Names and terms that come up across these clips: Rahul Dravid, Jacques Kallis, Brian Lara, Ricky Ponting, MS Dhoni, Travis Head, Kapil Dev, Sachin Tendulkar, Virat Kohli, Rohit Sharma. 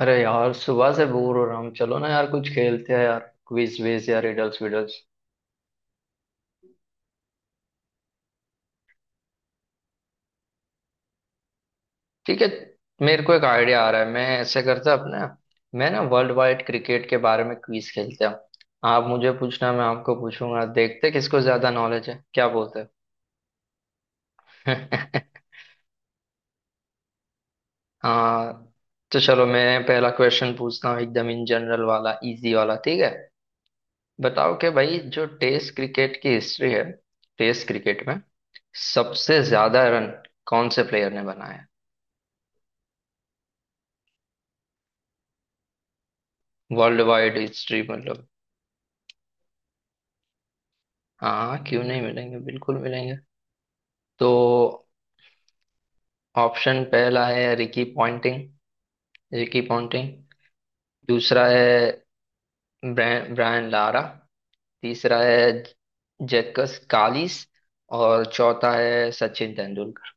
अरे यार, सुबह से बोर हो रहा हूँ। चलो ना यार, कुछ खेलते हैं यार। क्विज विज या रिडल्स विडल्स? ठीक है। मेरे को एक आइडिया आ रहा है, मैं ऐसे करता अपने। मैं ना वर्ल्ड वाइड क्रिकेट के बारे में क्विज खेलते हैं। आप मुझे पूछना, मैं आपको पूछूंगा। देखते हैं किसको ज्यादा नॉलेज है, क्या बोलते हैं? हाँ। तो चलो, मैं पहला क्वेश्चन पूछता हूँ, एकदम इन जनरल वाला, इजी वाला, ठीक है? बताओ कि भाई, जो टेस्ट क्रिकेट की हिस्ट्री है, टेस्ट क्रिकेट में सबसे ज्यादा रन कौन से प्लेयर ने बनाया? वर्ल्ड वाइड हिस्ट्री मतलब। हाँ, क्यों नहीं मिलेंगे, बिल्कुल मिलेंगे। तो ऑप्शन पहला है रिकी पॉन्टिंग, रिकी पॉन्टिंग। दूसरा है ब्रायन लारा। तीसरा है जैकस कालिस। और चौथा है सचिन तेंदुलकर।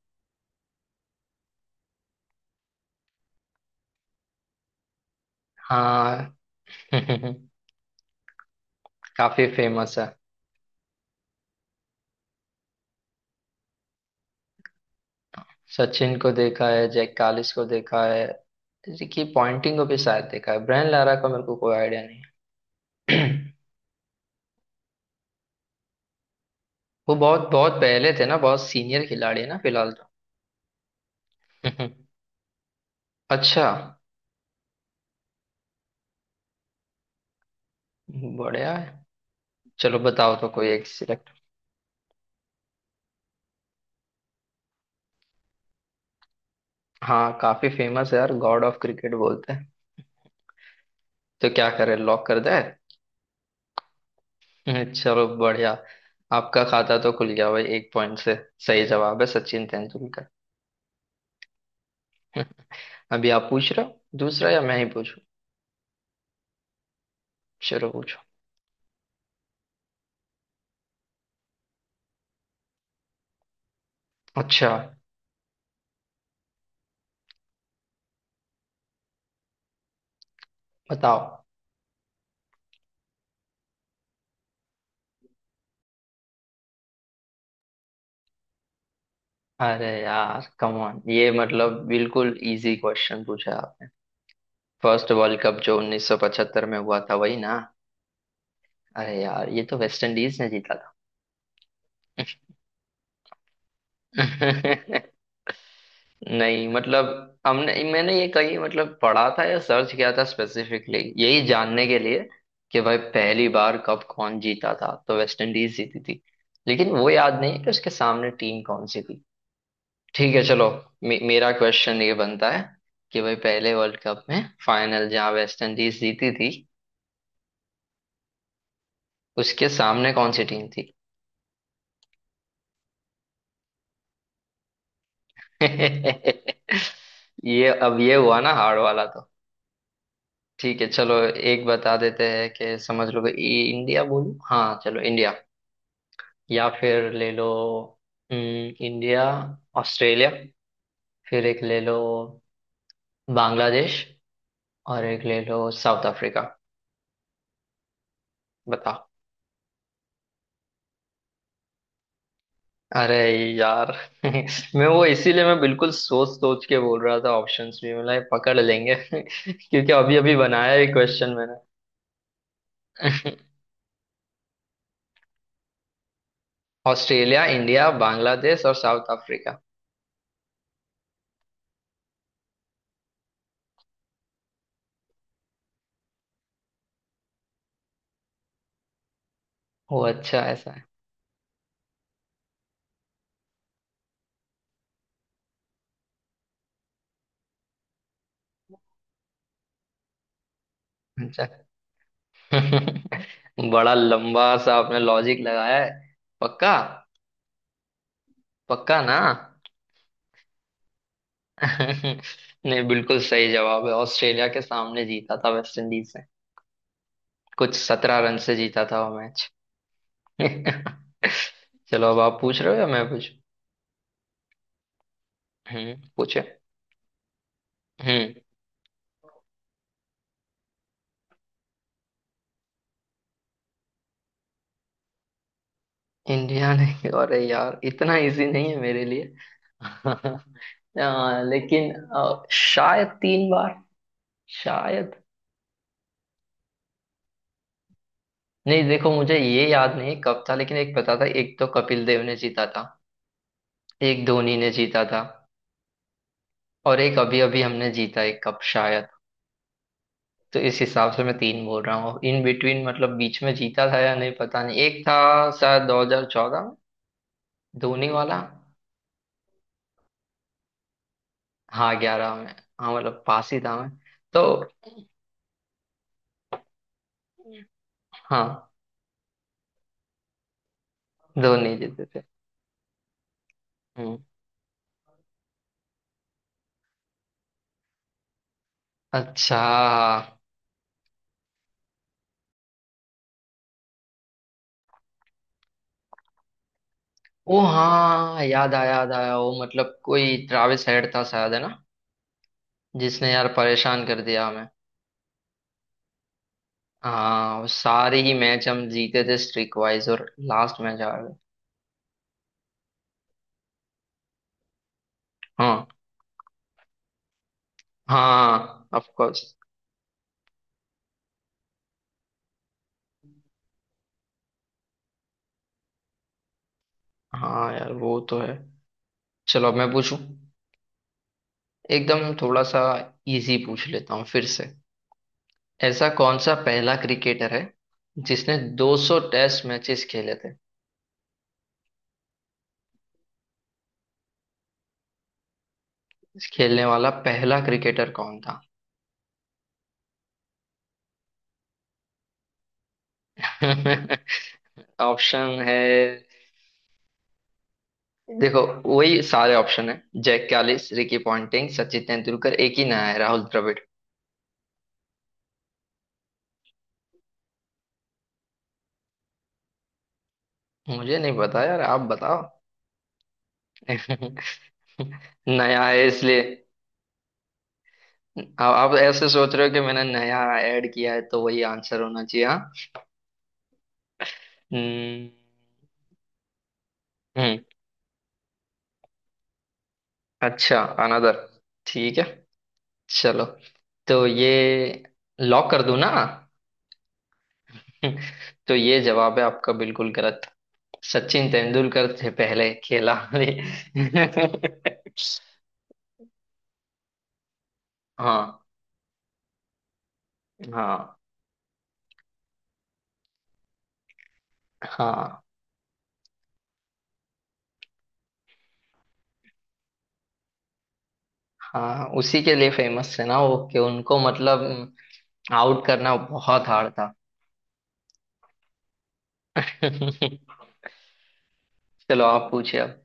हाँ। काफी फेमस है। सचिन को देखा है, जैक कालिस को देखा है, रिकी पॉन्टिंग को भी शायद देखा है। ब्रायन लारा का मेरे को कोई आइडिया नहीं है। वो बहुत बहुत पहले थे ना, बहुत सीनियर खिलाड़ी है ना फिलहाल तो। अच्छा, बढ़िया है। चलो बताओ तो कोई एक सिलेक्ट। हाँ, काफी फेमस है यार, गॉड ऑफ क्रिकेट बोलते हैं। तो क्या करें, लॉक कर दे? चलो बढ़िया। आपका खाता तो खुल गया भाई, 1 पॉइंट से। सही जवाब है सचिन तेंदुलकर। अभी आप पूछ रहे हो दूसरा या मैं ही पूछूं? चलो पूछो। अच्छा बताओ। अरे यार, कम ऑन, ये मतलब बिल्कुल इजी क्वेश्चन पूछा आपने। फर्स्ट वर्ल्ड कप जो 1975 में हुआ था, वही ना? अरे यार, ये तो वेस्ट इंडीज ने जीता था। नहीं मतलब, हमने मैंने ये कहीं मतलब पढ़ा था या सर्च किया था स्पेसिफिकली यही जानने के लिए कि भाई पहली बार कब कौन जीता था, तो वेस्ट इंडीज जीती थी। लेकिन वो याद नहीं कि उसके सामने टीम कौन सी। ठीक है चलो। मे मेरा क्वेश्चन ये बनता है कि भाई पहले वर्ल्ड कप में फाइनल जहाँ वेस्ट इंडीज जीती थी, उसके सामने कौन सी टीम थी? ये अब ये हुआ ना हार्ड वाला तो। ठीक है चलो। एक बता देते हैं कि समझ लो कि इंडिया बोलूं, हाँ चलो इंडिया। या फिर ले लो, इंडिया, ऑस्ट्रेलिया। फिर एक ले लो बांग्लादेश। और एक ले लो साउथ अफ्रीका। बताओ। अरे यार। मैं वो इसीलिए मैं बिल्कुल सोच सोच के बोल रहा था ऑप्शंस भी, मतलब ये पकड़ लेंगे। क्योंकि अभी अभी बनाया है क्वेश्चन मैंने। ऑस्ट्रेलिया, इंडिया, बांग्लादेश और साउथ अफ्रीका। ओ अच्छा, ऐसा है। अच्छा। बड़ा लंबा सा आपने लॉजिक लगाया है। पक्का? पक्का ना? नहीं, बिल्कुल सही जवाब है, ऑस्ट्रेलिया के सामने जीता था वेस्ट इंडीज ने। कुछ 17 रन से जीता था वो मैच। चलो अब आप पूछ रहे हो या मैं पूछ। पूछे। हम्म। इंडिया। नहीं अरे यार, इतना इजी नहीं है मेरे लिए। लेकिन शायद 3 बार। शायद। नहीं देखो, मुझे ये याद नहीं कब था, लेकिन एक पता था, एक तो कपिल देव ने जीता था, एक धोनी ने जीता था, और एक अभी अभी हमने जीता एक कप शायद। तो इस हिसाब से मैं तीन बोल रहा हूँ, इन बिटवीन मतलब बीच में जीता था या नहीं पता नहीं। एक था शायद 2014 में, धोनी वाला। हाँ, 11 में। हाँ मतलब पास ही था मैं। तो हम्म। हाँ। दो नहीं जीते थे। हम्म। अच्छा। ओ हाँ, याद आया, याद आया। वो मतलब कोई ट्रैविस हेड था शायद, है ना? जिसने यार परेशान कर दिया हमें। हाँ, वो सारे ही मैच हम जीते थे स्ट्रीक वाइज और लास्ट मैच हार गए। हाँ। हाँ ऑफ कोर्स। हाँ यार, वो तो है। चलो अब मैं पूछूं। एकदम थोड़ा सा इजी पूछ लेता हूँ फिर से। ऐसा कौन सा पहला क्रिकेटर है जिसने 200 टेस्ट मैचेस खेले थे? खेलने वाला पहला क्रिकेटर कौन था? ऑप्शन है। देखो वही सारे ऑप्शन है। Jacques Kallis, Ricky Ponting, Sachin Tendulkar, एक ही नया है राहुल द्रविड़। मुझे नहीं पता यार, आप बताओ। नया है इसलिए। आप ऐसे सोच रहे हो कि मैंने नया ऐड किया है, तो वही आंसर होना चाहिए, हाँ? हम्म। हम्म, अच्छा अनदर। ठीक है चलो। तो ये लॉक कर दूं ना? तो ये जवाब है आपका बिल्कुल गलत। सचिन तेंदुलकर से पहले खेला। हाँ। हाँ। हाँ। हाँ उसी के लिए फेमस है ना वो, कि उनको मतलब आउट करना बहुत हार्ड था। चलो आप पूछिए अब।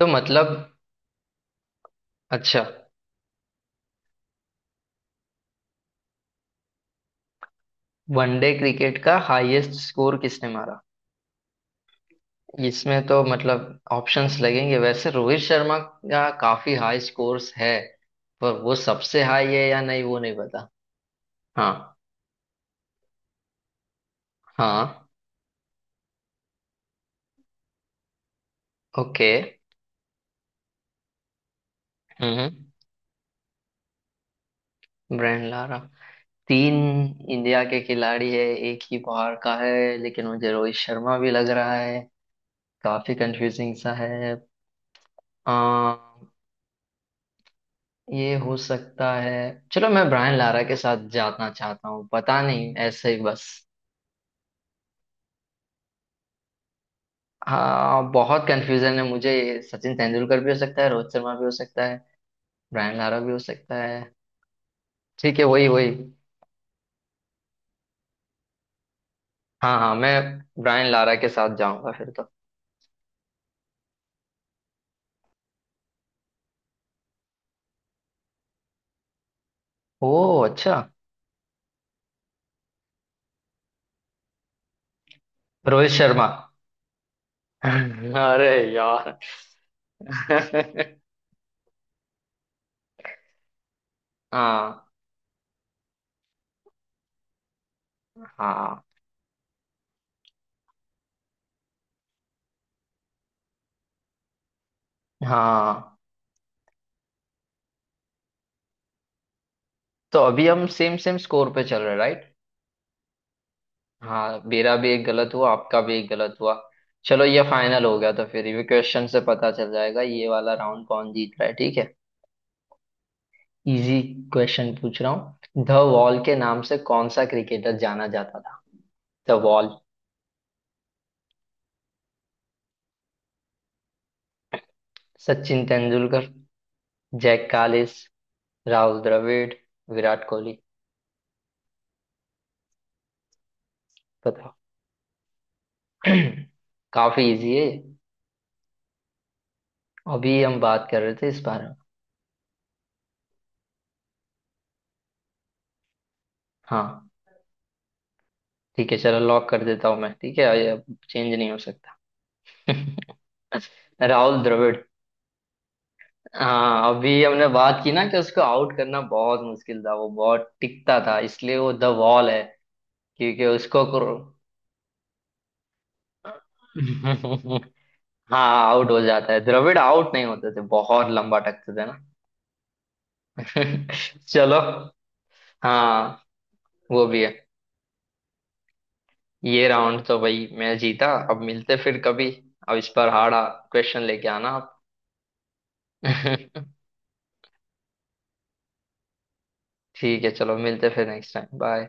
तो मतलब। अच्छा। वनडे क्रिकेट का हाईएस्ट स्कोर किसने मारा? इसमें तो मतलब ऑप्शंस लगेंगे, वैसे रोहित शर्मा का काफी हाई स्कोर्स है, पर वो सबसे हाई है या नहीं वो नहीं पता। हाँ। हाँ। ओके। हम्म। Brian Lara. तीन इंडिया के खिलाड़ी है, एक ही बाहर का है, लेकिन मुझे रोहित शर्मा भी लग रहा है, काफी कंफ्यूजिंग सा है। आ, ये हो सकता है। चलो मैं ब्रायन लारा के साथ जाना चाहता हूँ, पता नहीं ऐसे ही बस। हाँ, बहुत कंफ्यूजन है मुझे। सचिन तेंदुलकर भी हो सकता है, रोहित शर्मा भी हो सकता है, ब्रायन लारा भी हो सकता है। ठीक है, वही वही। हाँ। हाँ, मैं ब्रायन लारा के साथ जाऊंगा फिर तो। ओह अच्छा। रोहित शर्मा। अरे यार। हाँ। हाँ। हाँ। तो अभी हम सेम सेम स्कोर पे चल रहे, राइट? हाँ, मेरा भी एक गलत हुआ, आपका भी एक गलत हुआ। चलो ये फाइनल हो गया, तो फिर ये क्वेश्चन से पता चल जाएगा ये वाला राउंड कौन जीत रहा है, ठीक है? इजी क्वेश्चन पूछ रहा हूँ, द वॉल के नाम से कौन सा क्रिकेटर जाना जाता था? The wall. Sachin Tendulkar, Jacques Kallis, Rahul Dravid, Virat Kohli. बताओ। काफी इजी है। अभी हम बात कर रहे थे इस बारे में। हाँ ठीक है चलो, लॉक कर देता हूँ मैं, ठीक है ये अब चेंज नहीं हो सकता। राहुल द्रविड़। हाँ, अभी हमने बात की ना कि उसको आउट करना बहुत मुश्किल था, वो बहुत टिकता था, इसलिए वो द वॉल है। क्योंकि उसको। हाँ आउट हो जाता है, द्रविड़ आउट नहीं होते थे, बहुत लंबा टकते थे ना। चलो। हाँ, वो भी है। ये राउंड तो भाई मैं जीता, अब मिलते फिर कभी। अब इस पर हारा, क्वेश्चन लेके आना आप। ठीक है चलो, मिलते फिर नेक्स्ट टाइम, बाय।